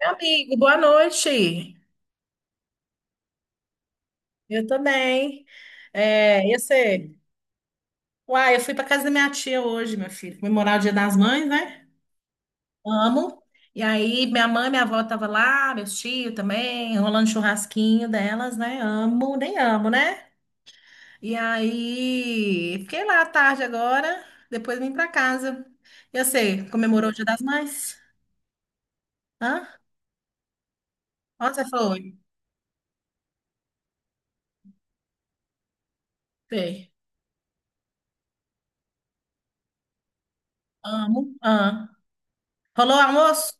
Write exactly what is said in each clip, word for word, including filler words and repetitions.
Meu amigo, boa noite. Eu também. É, e você? Uai, eu fui para casa da minha tia hoje, meu filho, comemorar o Dia das Mães, né? Amo. E aí, minha mãe, minha avó tava lá, meus tios também, rolando churrasquinho delas, né? Amo, nem amo, né? E aí, fiquei lá à tarde agora, depois vim para casa. E você, comemorou o Dia das Mães? Hã? Onde você foi? Sei. Amo. Hã? Rolou almoço?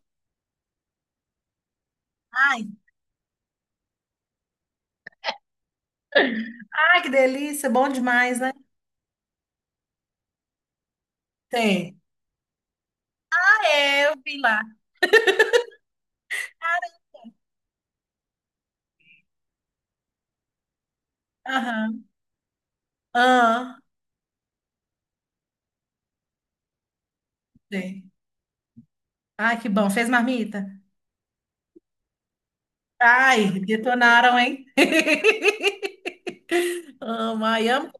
Ai, ai, que delícia, bom demais, né? Tem. É, eu vi lá. Aham. ah, Tem. Ai, que bom. Fez marmita? Ai, detonaram, hein? Amo, ai, amo.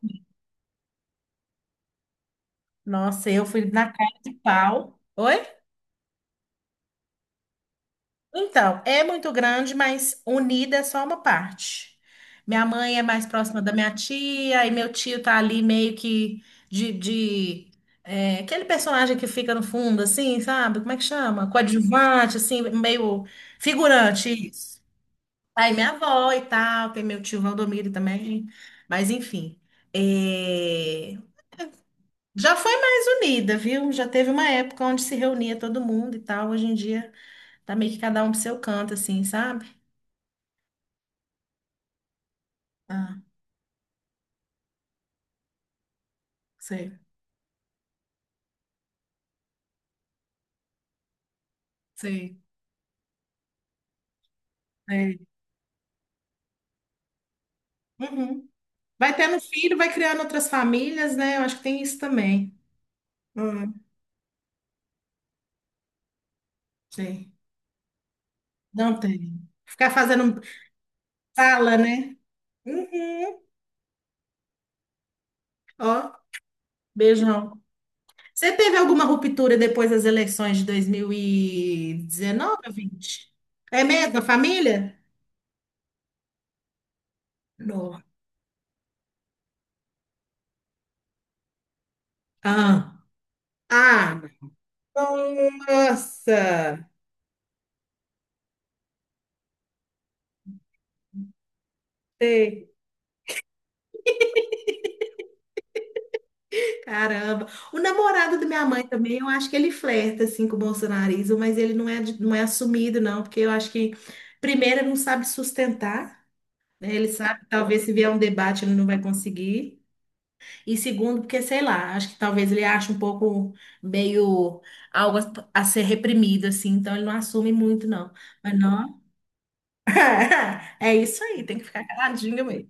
Nossa, eu fui na cara de pau. Oi? Então, é muito grande, mas unida é só uma parte. Minha mãe é mais próxima da minha tia, e meu tio tá ali meio que de, de é, aquele personagem que fica no fundo, assim, sabe? Como é que chama? Coadjuvante, assim, meio figurante, isso. Aí minha avó e tal, tem meu tio Valdomiro também, mas enfim. É, Já foi mais unida, viu? Já teve uma época onde se reunia todo mundo e tal. Hoje em dia tá meio que cada um pro seu canto, assim, sabe? Ah, sei, sei, sei. Uhum. Vai tendo filho, vai criando outras famílias, né? Eu acho que tem isso também. Hum, sei. Não tem. Ficar fazendo sala, né? Uhum. Ó, beijão. Você teve alguma ruptura depois das eleições de dois mil e dezenove ou vinte? É mesmo, a família? Não. Ah. Ah. Nossa. Sei. Caramba. O namorado da minha mãe também, eu acho que ele flerta assim com o bolsonarismo, mas ele não é, de- não é assumido, não, porque eu acho que primeiro ele não sabe sustentar, né? Ele sabe que talvez se vier um debate ele não vai conseguir. E segundo, porque sei lá, acho que talvez ele ache um pouco meio algo a, a ser reprimido assim, então ele não assume muito não. Mas não. É isso aí, tem que ficar caladinho mesmo.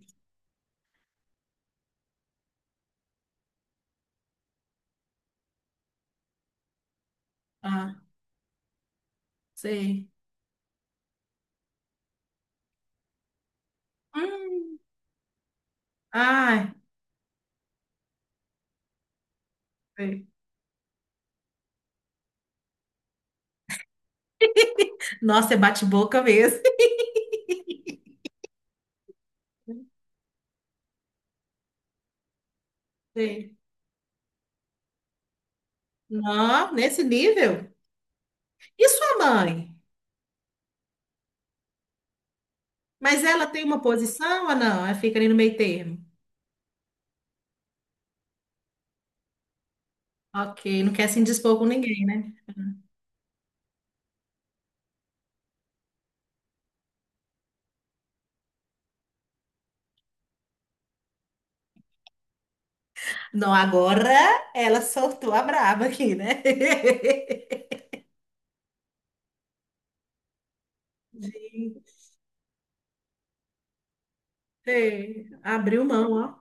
Ah, sei. Hum, Ai, sei. Nossa, é bate-boca mesmo. Sei. Não, nesse nível. E sua mãe? Mas ela tem uma posição ou não? Ela fica ali no meio termo. Ok, não quer se indispor com ninguém, né? Não, agora ela soltou a braba aqui, né? Gente, abriu mão, ó.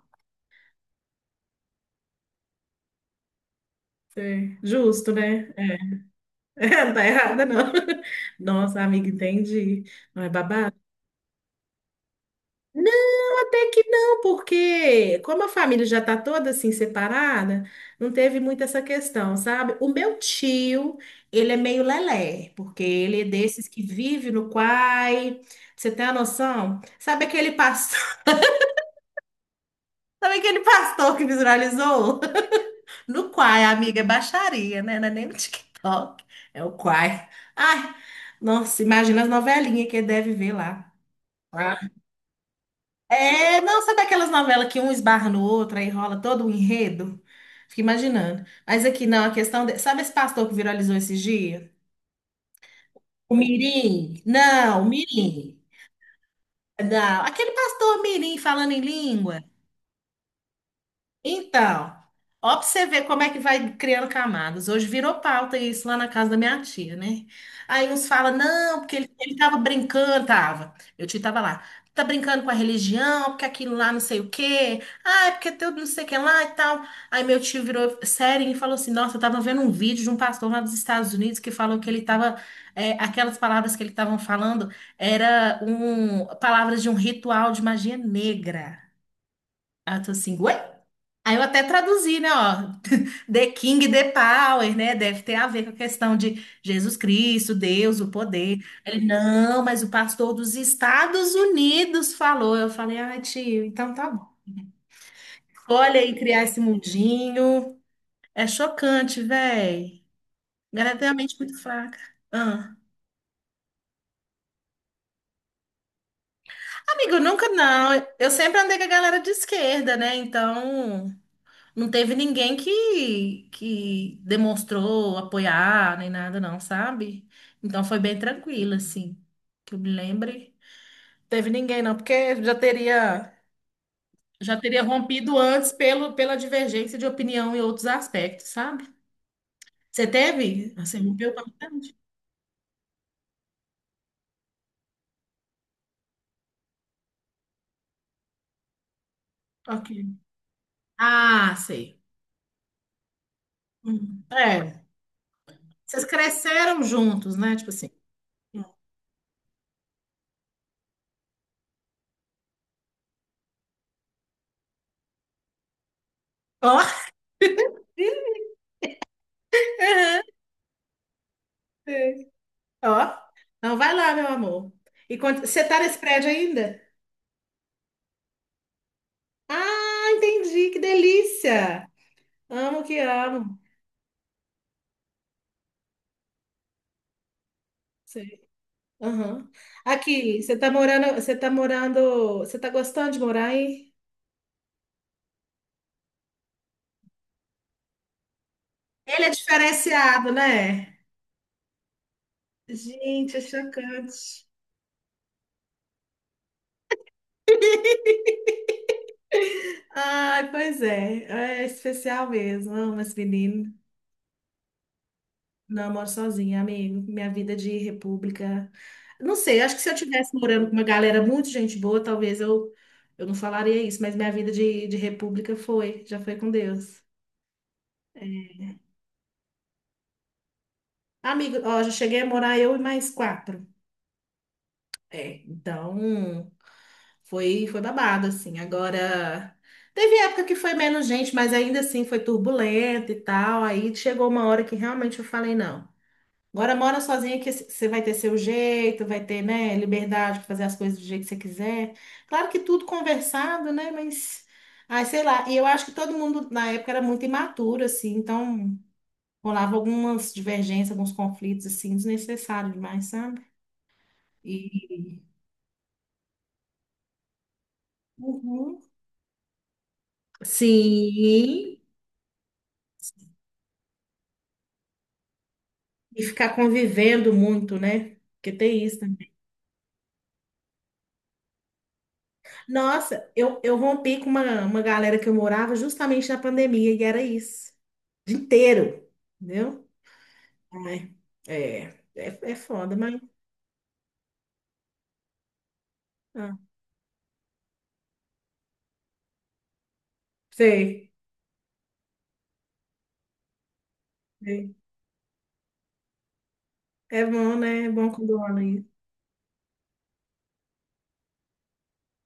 Sei. Justo, né? É. Não tá errada, não. Nossa, amiga, entendi. Não é babado? Até que não, porque como a família já está toda assim separada, não teve muito essa questão, sabe? O meu tio, ele é meio lelé, porque ele é desses que vive no quai. Pra Você tem a noção? Sabe aquele pastor, sabe aquele pastor que visualizou? No quai, amiga, é baixaria, né? Não é nem no TikTok, é o quai. Ai, nossa, imagina as novelinhas que ele deve ver lá. É, não, sabe aquelas novelas que um esbarra no outro, aí rola todo o enredo? Fico imaginando. Mas aqui não, a questão. de- Sabe esse pastor que viralizou esses dias? O Mirim? Não, o Mirim. Não, aquele pastor Mirim falando em língua. Então, ó, pra você ver como é que vai criando camadas. Hoje virou pauta isso lá na casa da minha tia, né? Aí uns falam, não, porque ele, ele tava brincando, tava. Meu tio tava lá. Tá brincando com a religião, porque aquilo lá não sei o quê. Ah, é porque tudo não sei o que lá e tal. Aí meu tio virou sério e falou assim: Nossa, eu tava vendo um vídeo de um pastor lá dos Estados Unidos que falou que ele tava. É, aquelas palavras que ele estavam falando era um, palavras de um ritual de magia negra. Aí tô assim, ué? Aí eu até traduzi, né, ó, The King, The Power, né, deve ter a ver com a questão de Jesus Cristo, Deus, o poder. Ele, não, mas o pastor dos Estados Unidos falou. Eu falei, ah, tio, então tá bom. Olha aí, criar esse mundinho. É chocante, véi. Galera tem a mente muito fraca. Ah. Amigo, nunca não. Eu sempre andei com a galera de esquerda, né, então... Não teve ninguém que, que demonstrou apoiar nem nada, não, sabe? Então foi bem tranquilo, assim, que eu me lembre. Teve ninguém, não, porque já teria já teria rompido antes pelo, pela divergência de opinião e outros aspectos, sabe? Você teve? Ah, você rompeu com a amizade? Ok. Ah, sei. Hum. É. Vocês cresceram juntos, né? Tipo assim. Ó. Ih, aham, sei. Ó. Então vai lá, meu amor. E quando... você tá nesse prédio ainda? Ah, entendi, que delícia! Amo que amo. Sei. Aham. Aqui, você tá morando, você tá morando, você tá gostando de morar aí? Ele é diferenciado, né? Gente, é chocante. Ai, pois é, é especial mesmo. Amo esse menino. Não, eu moro sozinha, amigo. Minha vida de república. Não sei, acho que se eu estivesse morando com uma galera muito gente boa, talvez eu, eu não falaria isso, mas minha vida de, de república foi, já foi com Deus. Amigo, ó, já cheguei a morar eu e mais quatro. É, então foi, foi babado, assim. Agora, teve época que foi menos gente, mas ainda assim foi turbulento e tal. Aí chegou uma hora que realmente eu falei, não. Agora mora sozinha que você vai ter seu jeito, vai ter, né, liberdade para fazer as coisas do jeito que você quiser. Claro que tudo conversado, né, mas... ai, sei lá, e eu acho que todo mundo na época era muito imaturo, assim, então rolava algumas divergências, alguns conflitos, assim, desnecessários demais, sabe? E Uhum. sim, e ficar convivendo muito, né? Porque tem isso também. Nossa, eu, eu rompi com uma, uma galera que eu morava justamente na pandemia, e era isso. O dia inteiro, entendeu? Ai, é, é, é foda, mas. Ah, sei, sei. É bom, né? É bom quando o homem.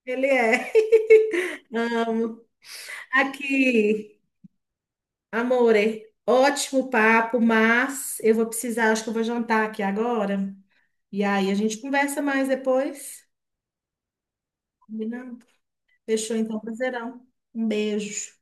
Ele é. Amo. Aqui, amore, ótimo papo, mas eu vou precisar, acho que eu vou jantar aqui agora. E aí a gente conversa mais depois. Combinado? Fechou então, prazerão. Um beijo.